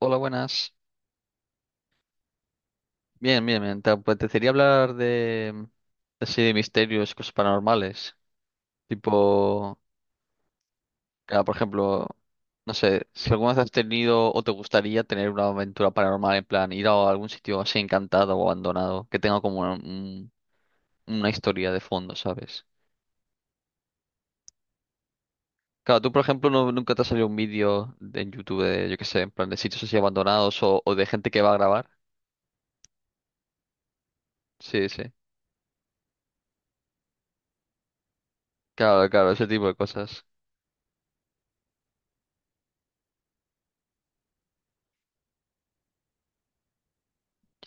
Hola, buenas. Bien, bien, bien. Te apetecería hablar de, así de misterios, cosas paranormales. Tipo, por ejemplo, no sé, si alguna vez has tenido o te gustaría tener una aventura paranormal, en plan, ir a algún sitio así encantado o abandonado, que tenga como una historia de fondo, ¿sabes? Claro, tú, por ejemplo, nunca te ha salido un vídeo en YouTube de, yo qué sé, en plan, de sitios así abandonados o de gente que va a grabar. Sí, sí. Claro, claro, ese tipo de cosas.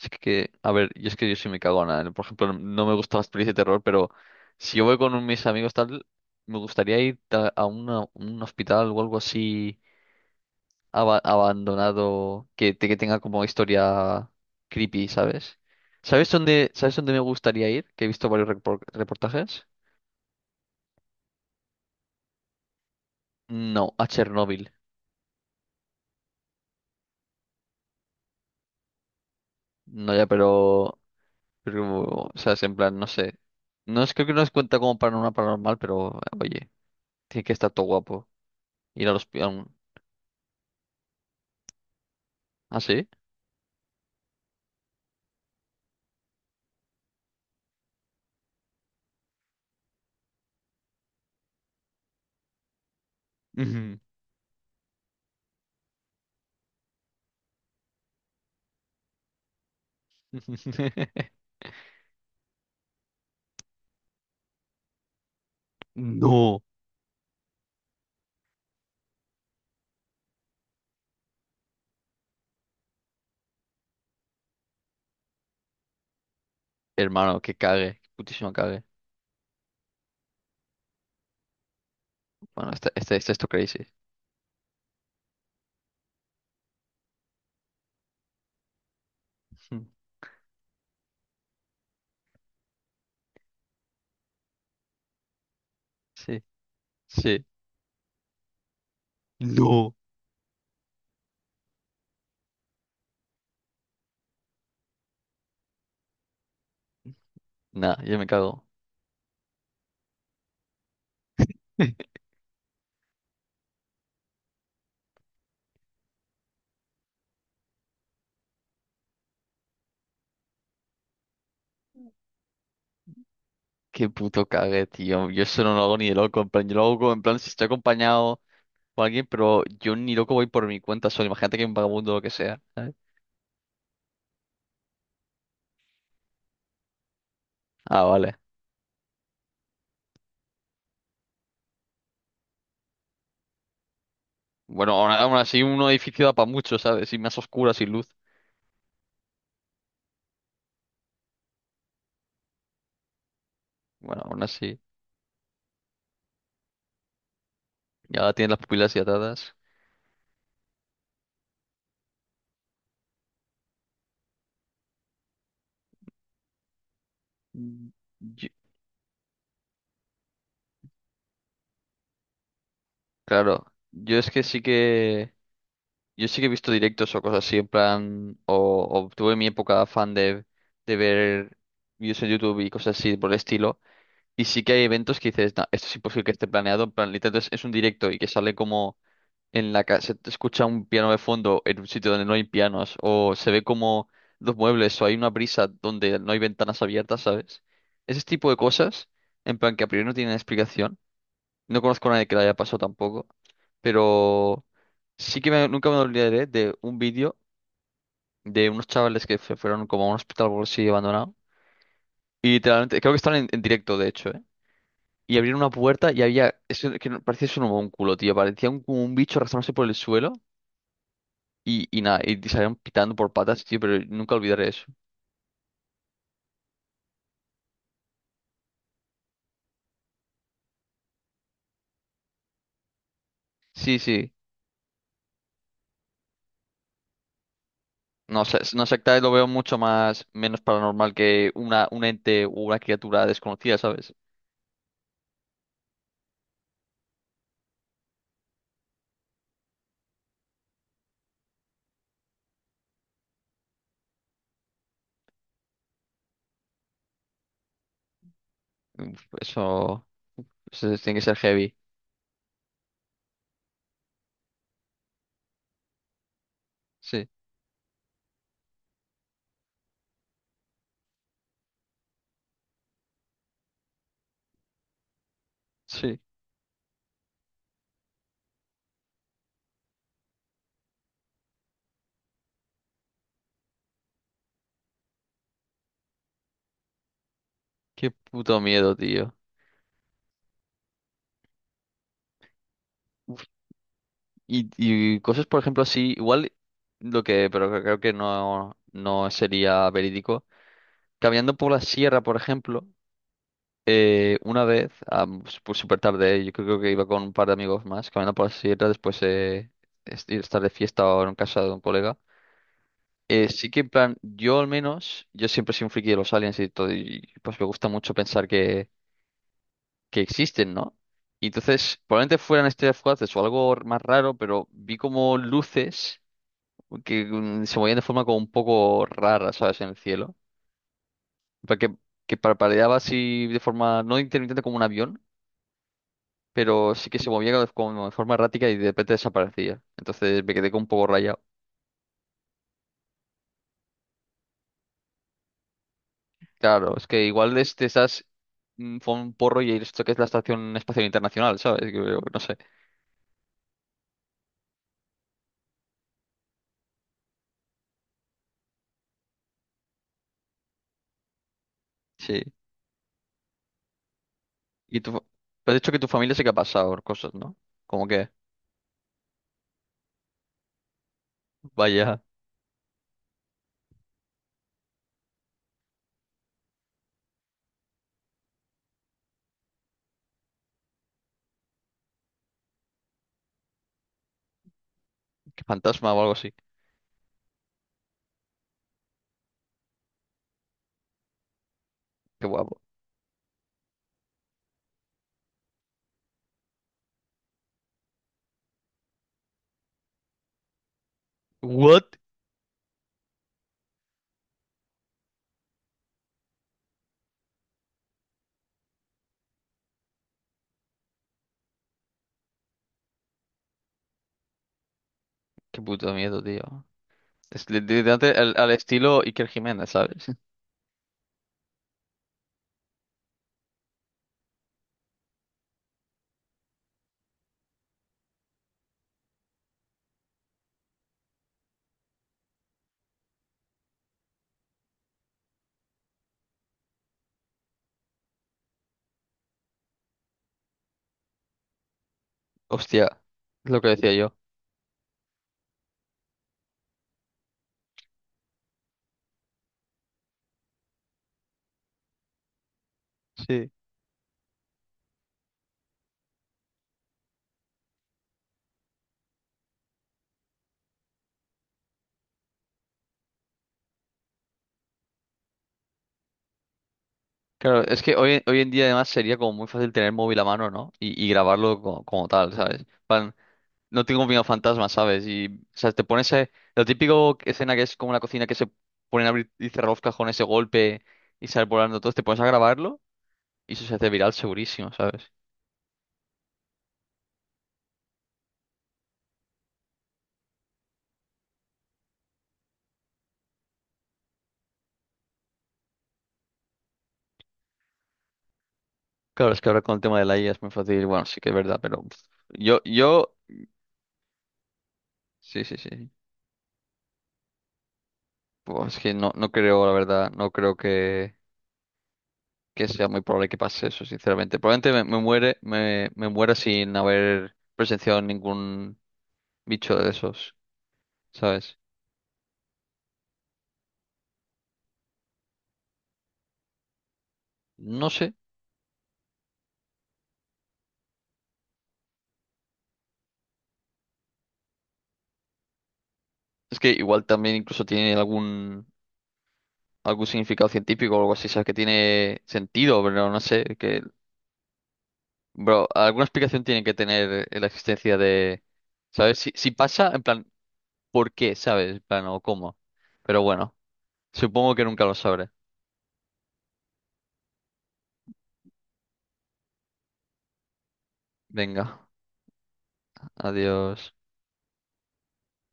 Es que, a ver, yo es que yo soy muy cagona, ¿eh? Por ejemplo, no me gusta las pelis de terror, pero si yo voy con mis amigos tal, me gustaría ir a una- un hospital o algo así abandonado que, que tenga como historia creepy, ¿sabes? Sabes dónde me gustaría ir? Que he visto varios reportajes. No, a Chernóbil. No, ya, pero, o sea, es en plan, no sé. No es, creo que no es cuenta como para una paranormal, pero oye, tiene que estar todo guapo. Ir al hospital. ¿Ah, sí? Ujú. No, hermano, que cague, que putísimo cague. Bueno, este es tu crazy. Mm. Sí, sí. No. Nah, yo me cago. Qué puto cague, tío. Yo eso no lo hago ni de loco. En plan, yo lo hago en plan si estoy acompañado por alguien, pero yo ni loco voy por mi cuenta solo. Imagínate que hay un vagabundo o lo que sea, ¿sabes? Ah, vale. Bueno, aún aún así un edificio da para mucho, ¿sabes? Y más oscura, sin luz. Bueno, aún así. Ya tienen las pupilas y atadas. Mm. Claro, yo es que sí que yo sí que he visto directos o cosas así en plan o tuve mi época fan de ver vídeos en YouTube y cosas así por el estilo y sí que hay eventos que dices, "No, esto es imposible que esté planeado, en plan literalmente es un directo y que sale como en la casa, se escucha un piano de fondo en un sitio donde no hay pianos o se ve como los muebles o hay una brisa donde no hay ventanas abiertas, ¿sabes? Ese tipo de cosas en plan que a priori no tienen explicación, no conozco a nadie que la haya pasado tampoco, pero sí que nunca me olvidaré de un vídeo de unos chavales que se fueron como a un hospital por así abandonado. Y literalmente, creo que estaban en directo, de hecho, ¿eh? Y abrieron una puerta y había, eso que parecía eso un culo, tío, parecía un, como un bicho arrastrándose por el suelo y nada, y salieron pitando por patas, tío, pero nunca olvidaré eso. Sí, sí. No sé, no secta lo veo mucho más, menos paranormal que una, un ente o una criatura desconocida, ¿sabes? Uf, eso tiene que ser heavy. Sí, sí. Qué puto miedo, tío. Uf, y cosas, por ejemplo, así, igual lo que, pero que creo que no, no sería verídico. Caminando por la sierra, por ejemplo, una vez, pues súper tarde, yo creo que iba con un par de amigos más, caminando por la sierra después de estar de fiesta o en casa de un colega. Sí que en plan, yo al menos, yo siempre soy un friki de los aliens y todo, y pues me gusta mucho pensar que existen, ¿no? Y entonces, probablemente fueran estrellas fugaces o algo más raro, pero vi como luces que se movían de forma como un poco rara, ¿sabes? En el cielo. Para que parpadeaba así de forma no intermitente como un avión, pero sí que se movía como de forma errática y de repente desaparecía. Entonces me quedé como un poco rayado. Claro, es que igual es de esas, fue un porro y esto que es la Estación Espacial Internacional, ¿sabes? Que, no sé. Sí. Y tú, pero has dicho que tu familia sí que ha pasado cosas, ¿no? Como que. Vaya, qué fantasma o algo así. Qué guapo. What? Qué puto miedo, tío. Es literalmente al estilo Iker Jiménez, ¿sabes? Hostia, es lo que decía yo. Sí. Claro, es que hoy, hoy en día además sería como muy fácil tener el móvil a mano, ¿no? Y grabarlo como, tal, ¿sabes? Plan, no tengo miedo a fantasmas, ¿sabes? Y, o sea, te pones lo típico escena que es como la cocina que se ponen a abrir y cerrar los cajones ese golpe y sale volando todo, te pones a grabarlo y eso se hace viral segurísimo, ¿sabes? Claro, es que ahora con el tema de la IA es muy fácil. Bueno, sí que es verdad, pero pf, yo, yo, sí, sí, sí. Pues es que no, no creo, la verdad, no creo que sea muy probable que pase eso, sinceramente. Probablemente me muera sin haber presenciado ningún bicho de esos, ¿sabes? No sé. Es que igual también incluso tiene algún, algún significado científico o algo así, ¿sabes? Que tiene sentido, pero no sé, que, bro, alguna explicación tiene que tener la existencia de, ¿sabes? Si, si pasa, en plan. Por qué, ¿sabes? Bueno, cómo. Pero bueno, supongo que nunca lo sabré. Venga, adiós.